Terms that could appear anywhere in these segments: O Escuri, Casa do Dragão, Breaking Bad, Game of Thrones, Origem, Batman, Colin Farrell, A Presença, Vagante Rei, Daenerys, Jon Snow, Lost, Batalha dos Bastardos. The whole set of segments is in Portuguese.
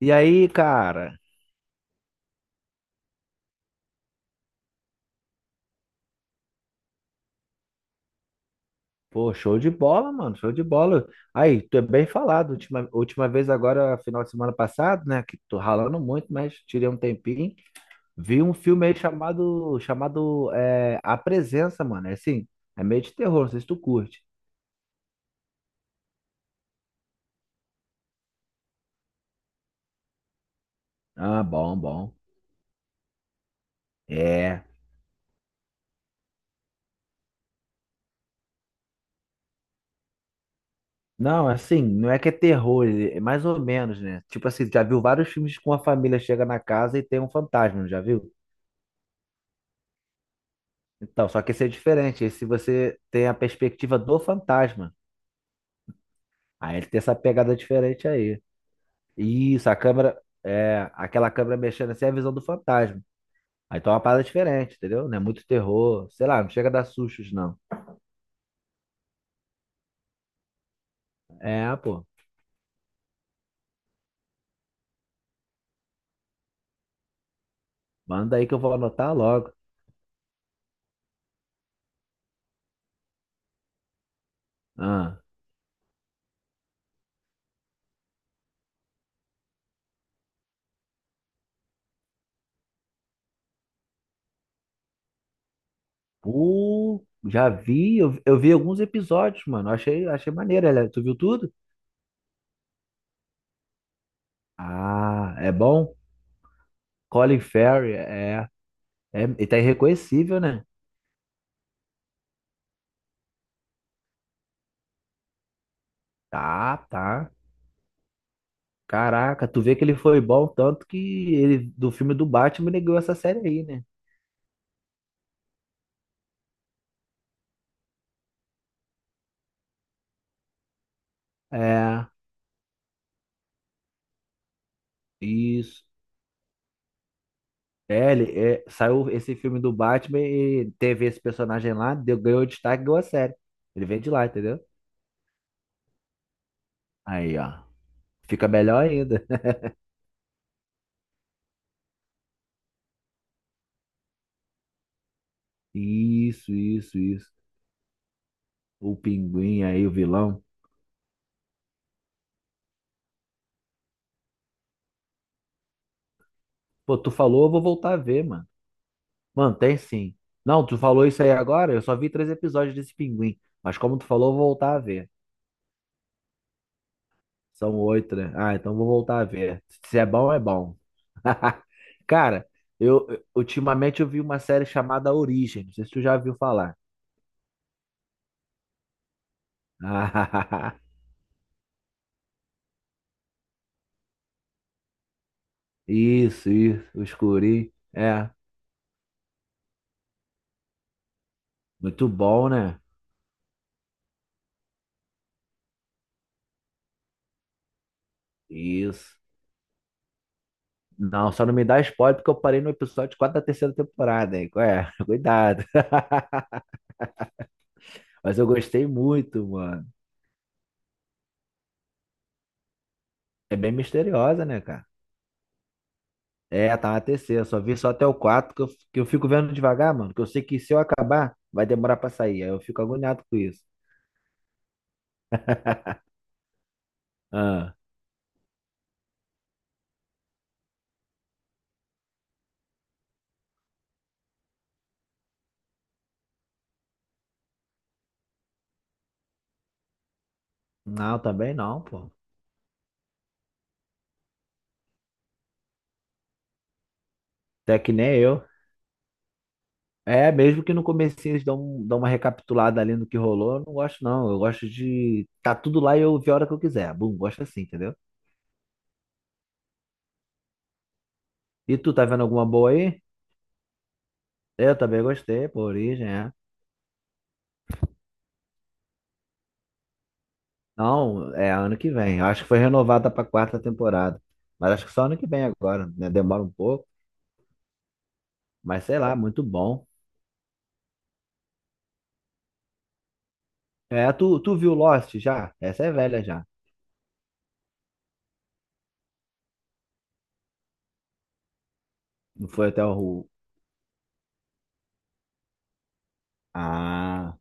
E aí, cara? Pô, show de bola, mano, show de bola. Aí, tu é bem falado. Última vez agora, final de semana passado, né? Que tô ralando muito, mas tirei um tempinho. Vi um filme aí chamado A Presença, mano. É assim, é meio de terror, não sei se tu curte. Ah, bom, bom. É. Não, assim, não é que é terror, ele- é mais ou menos, né? Tipo assim, já viu vários filmes com a família chega na casa e tem um fantasma, não já viu? Então, só que esse é diferente. Esse você tem a perspectiva do fantasma. Aí ele tem essa pegada diferente aí. Isso, a câmera, é, aquela câmera mexendo assim é a visão do fantasma. Aí tá uma parada diferente, entendeu? Não é muito terror, sei lá, não chega a dar sustos, não. É, pô, manda aí que eu vou anotar logo. Ah, uh, já vi, eu vi alguns episódios, mano, achei maneiro, ela- tu viu tudo? Ah, é bom? Colin Farrell, é, ele tá irreconhecível, né? Tá, tá. Caraca, tu vê que ele foi bom tanto que ele do filme do Batman ele ganhou essa série aí, né? É, isso. É, ele, é, saiu esse filme do Batman e teve esse personagem lá, deu, ganhou destaque e ganhou a série. Ele vem de lá, entendeu? Aí, ó. Fica melhor ainda. Isso, isso, isso. O pinguim aí, o vilão. Pô, tu falou, eu vou voltar a ver, mano. Mano, tem sim. Não, tu falou isso aí agora, eu só vi três episódios desse pinguim. Mas como tu falou, eu vou voltar a ver. São oito, né? Ah, então vou voltar a ver. Se é bom, é bom. Cara, ultimamente eu vi uma série chamada Origem. Não sei se tu já viu falar. Ah, isso, isso. O Escuri. É, muito bom, né? Isso. Não, só não me dá spoiler porque eu parei no episódio 4 da terceira temporada, hein? Qual é? Cuidado. Mas eu gostei muito, mano. É bem misteriosa, né, cara? É, tá na terceira. Só vi só até o 4 que eu fico vendo devagar, mano. Que eu sei que se eu acabar, vai demorar pra sair. Aí eu fico agoniado com isso. Ah, não, também não, pô. Até que nem eu. É, mesmo que no comecinho eles dão, um- dão uma recapitulada ali no que rolou, eu não gosto, não. Eu gosto de. Tá tudo lá e eu ver a hora que eu quiser. Bum, gosto assim, entendeu? E tu, tá vendo alguma boa aí? Eu também gostei, pô, Origem, é. Não, é ano que vem. Eu acho que foi renovada pra quarta temporada. Mas acho que só ano que vem agora, né? Demora um pouco. Mas sei lá, muito bom. É, tu viu Lost já? Essa é velha já. Não foi até o. Ah,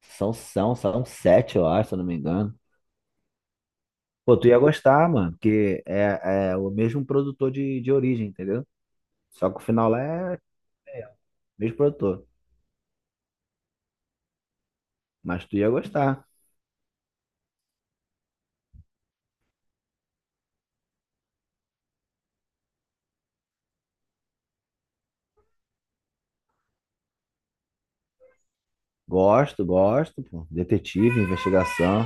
são sete, eu acho, se eu não me engano. Pô, tu ia gostar, mano, porque é, é o mesmo produtor de origem, entendeu? Só que o final lá é, é o mesmo produtor. Mas tu ia gostar. Gosto, gosto, pô. Detetive, investigação.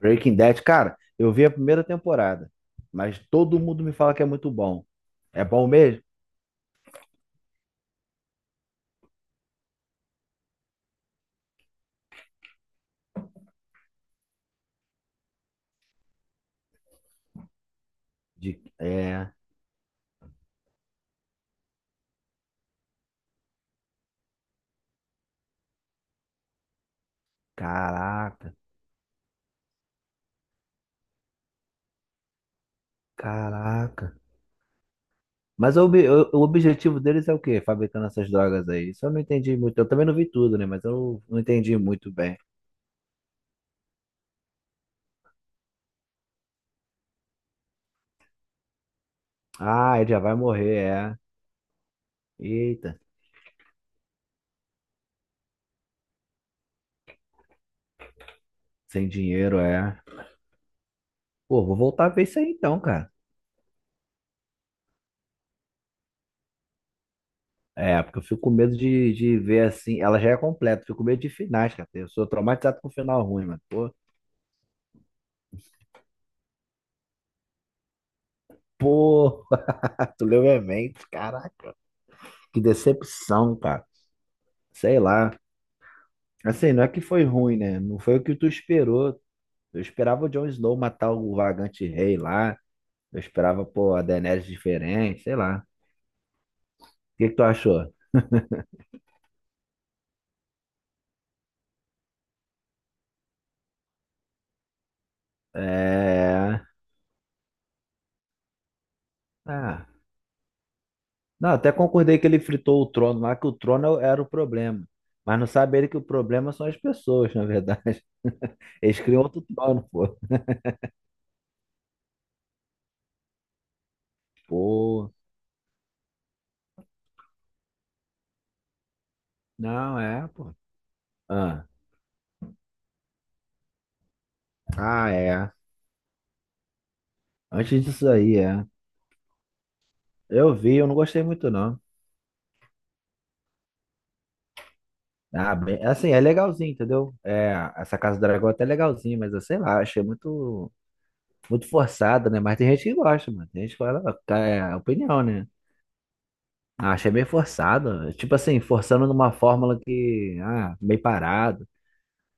Breaking Bad, cara, eu vi a primeira temporada, mas todo mundo me fala que é muito bom. É bom mesmo? De, é, caraca, caraca. Mas o, obje- o objetivo deles é o quê? Fabricando essas drogas aí. Isso eu não entendi muito. Eu também não vi tudo, né? Mas eu não entendi muito bem. Ah, ele já vai morrer, é. Eita, sem dinheiro, é. Pô, vou voltar a ver isso aí então, cara. É, porque eu fico com medo de ver assim. Ela já é completa, fico com medo de finais, cara. Eu sou traumatizado com final ruim, mano. Pô, tu leu minha mente, caraca. Que decepção, cara. Sei lá. Assim, não é que foi ruim, né? Não foi o que tu esperou. Eu esperava o Jon Snow matar o Vagante Rei lá. Eu esperava, pô, a Daenerys diferente, sei lá. O que que tu achou? É... Ah. Não, até concordei que ele fritou o trono lá, que o trono era o problema. Mas não sabe ele que o problema são as pessoas, na verdade. Eles criam outro trono, pô. Pô, não, é, pô. Ah, ah, é. Antes disso aí, é. Eu vi, eu não gostei muito, não. Ah, bem, assim, é legalzinho, entendeu? É, essa Casa do Dragão é até legalzinho, mas eu sei lá, achei muito forçada, né? Mas tem gente que gosta, mano. Tem gente que fala, "Ah, tá, é opinião, né? Ah, achei meio forçado. Tipo assim, forçando numa fórmula que, ah, meio parado.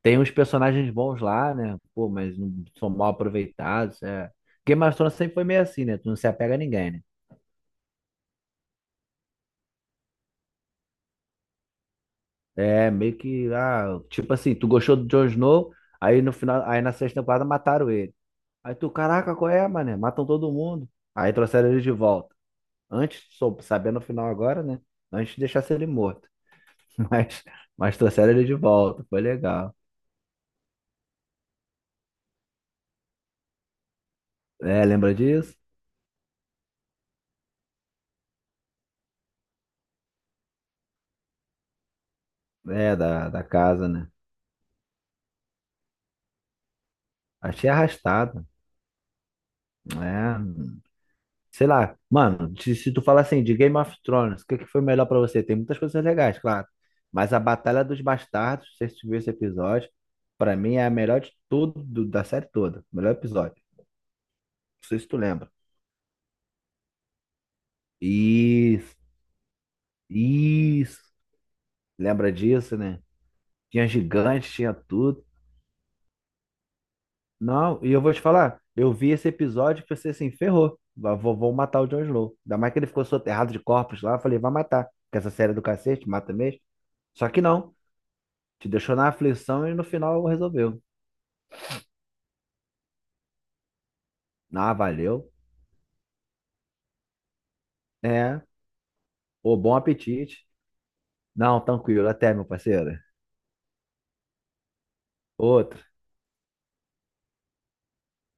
Tem uns personagens bons lá, né? Pô, mas não são mal aproveitados. É. Game of Thrones sempre foi meio assim, né? Tu não se apega a ninguém, né? É, meio que, ah, tipo assim, tu gostou do Jon Snow, aí no final, aí na sexta temporada mataram ele. Aí tu, caraca, qual é, mané? Matam todo mundo. Aí trouxeram ele de volta. Antes, sou sabendo o final agora, né? Antes de deixar ele morto. mas, mas trouxeram ele de volta, foi legal. É, lembra disso? É, da, da casa, né? Achei arrastado, né? Sei lá, mano, se tu falar assim de Game of Thrones, o que, que foi melhor pra você? Tem muitas coisas legais, claro. Mas a Batalha dos Bastardos, se você viu esse episódio, pra mim é a melhor de tudo, do- da série toda. Melhor episódio. Não sei se tu lembra. Isso, isso. Lembra disso, né? Tinha gigante, tinha tudo. Não, e eu vou te falar, eu vi esse episódio e pensei assim, ferrou, vou matar o Jon Snow. Ainda mais que ele ficou soterrado de corpos lá, eu falei, vai matar, que essa série é do cacete mata mesmo. Só que não, te deixou na aflição e no final resolveu. Ah, valeu, é, ô, bom apetite. Não, tranquilo, até, meu parceiro. Outro.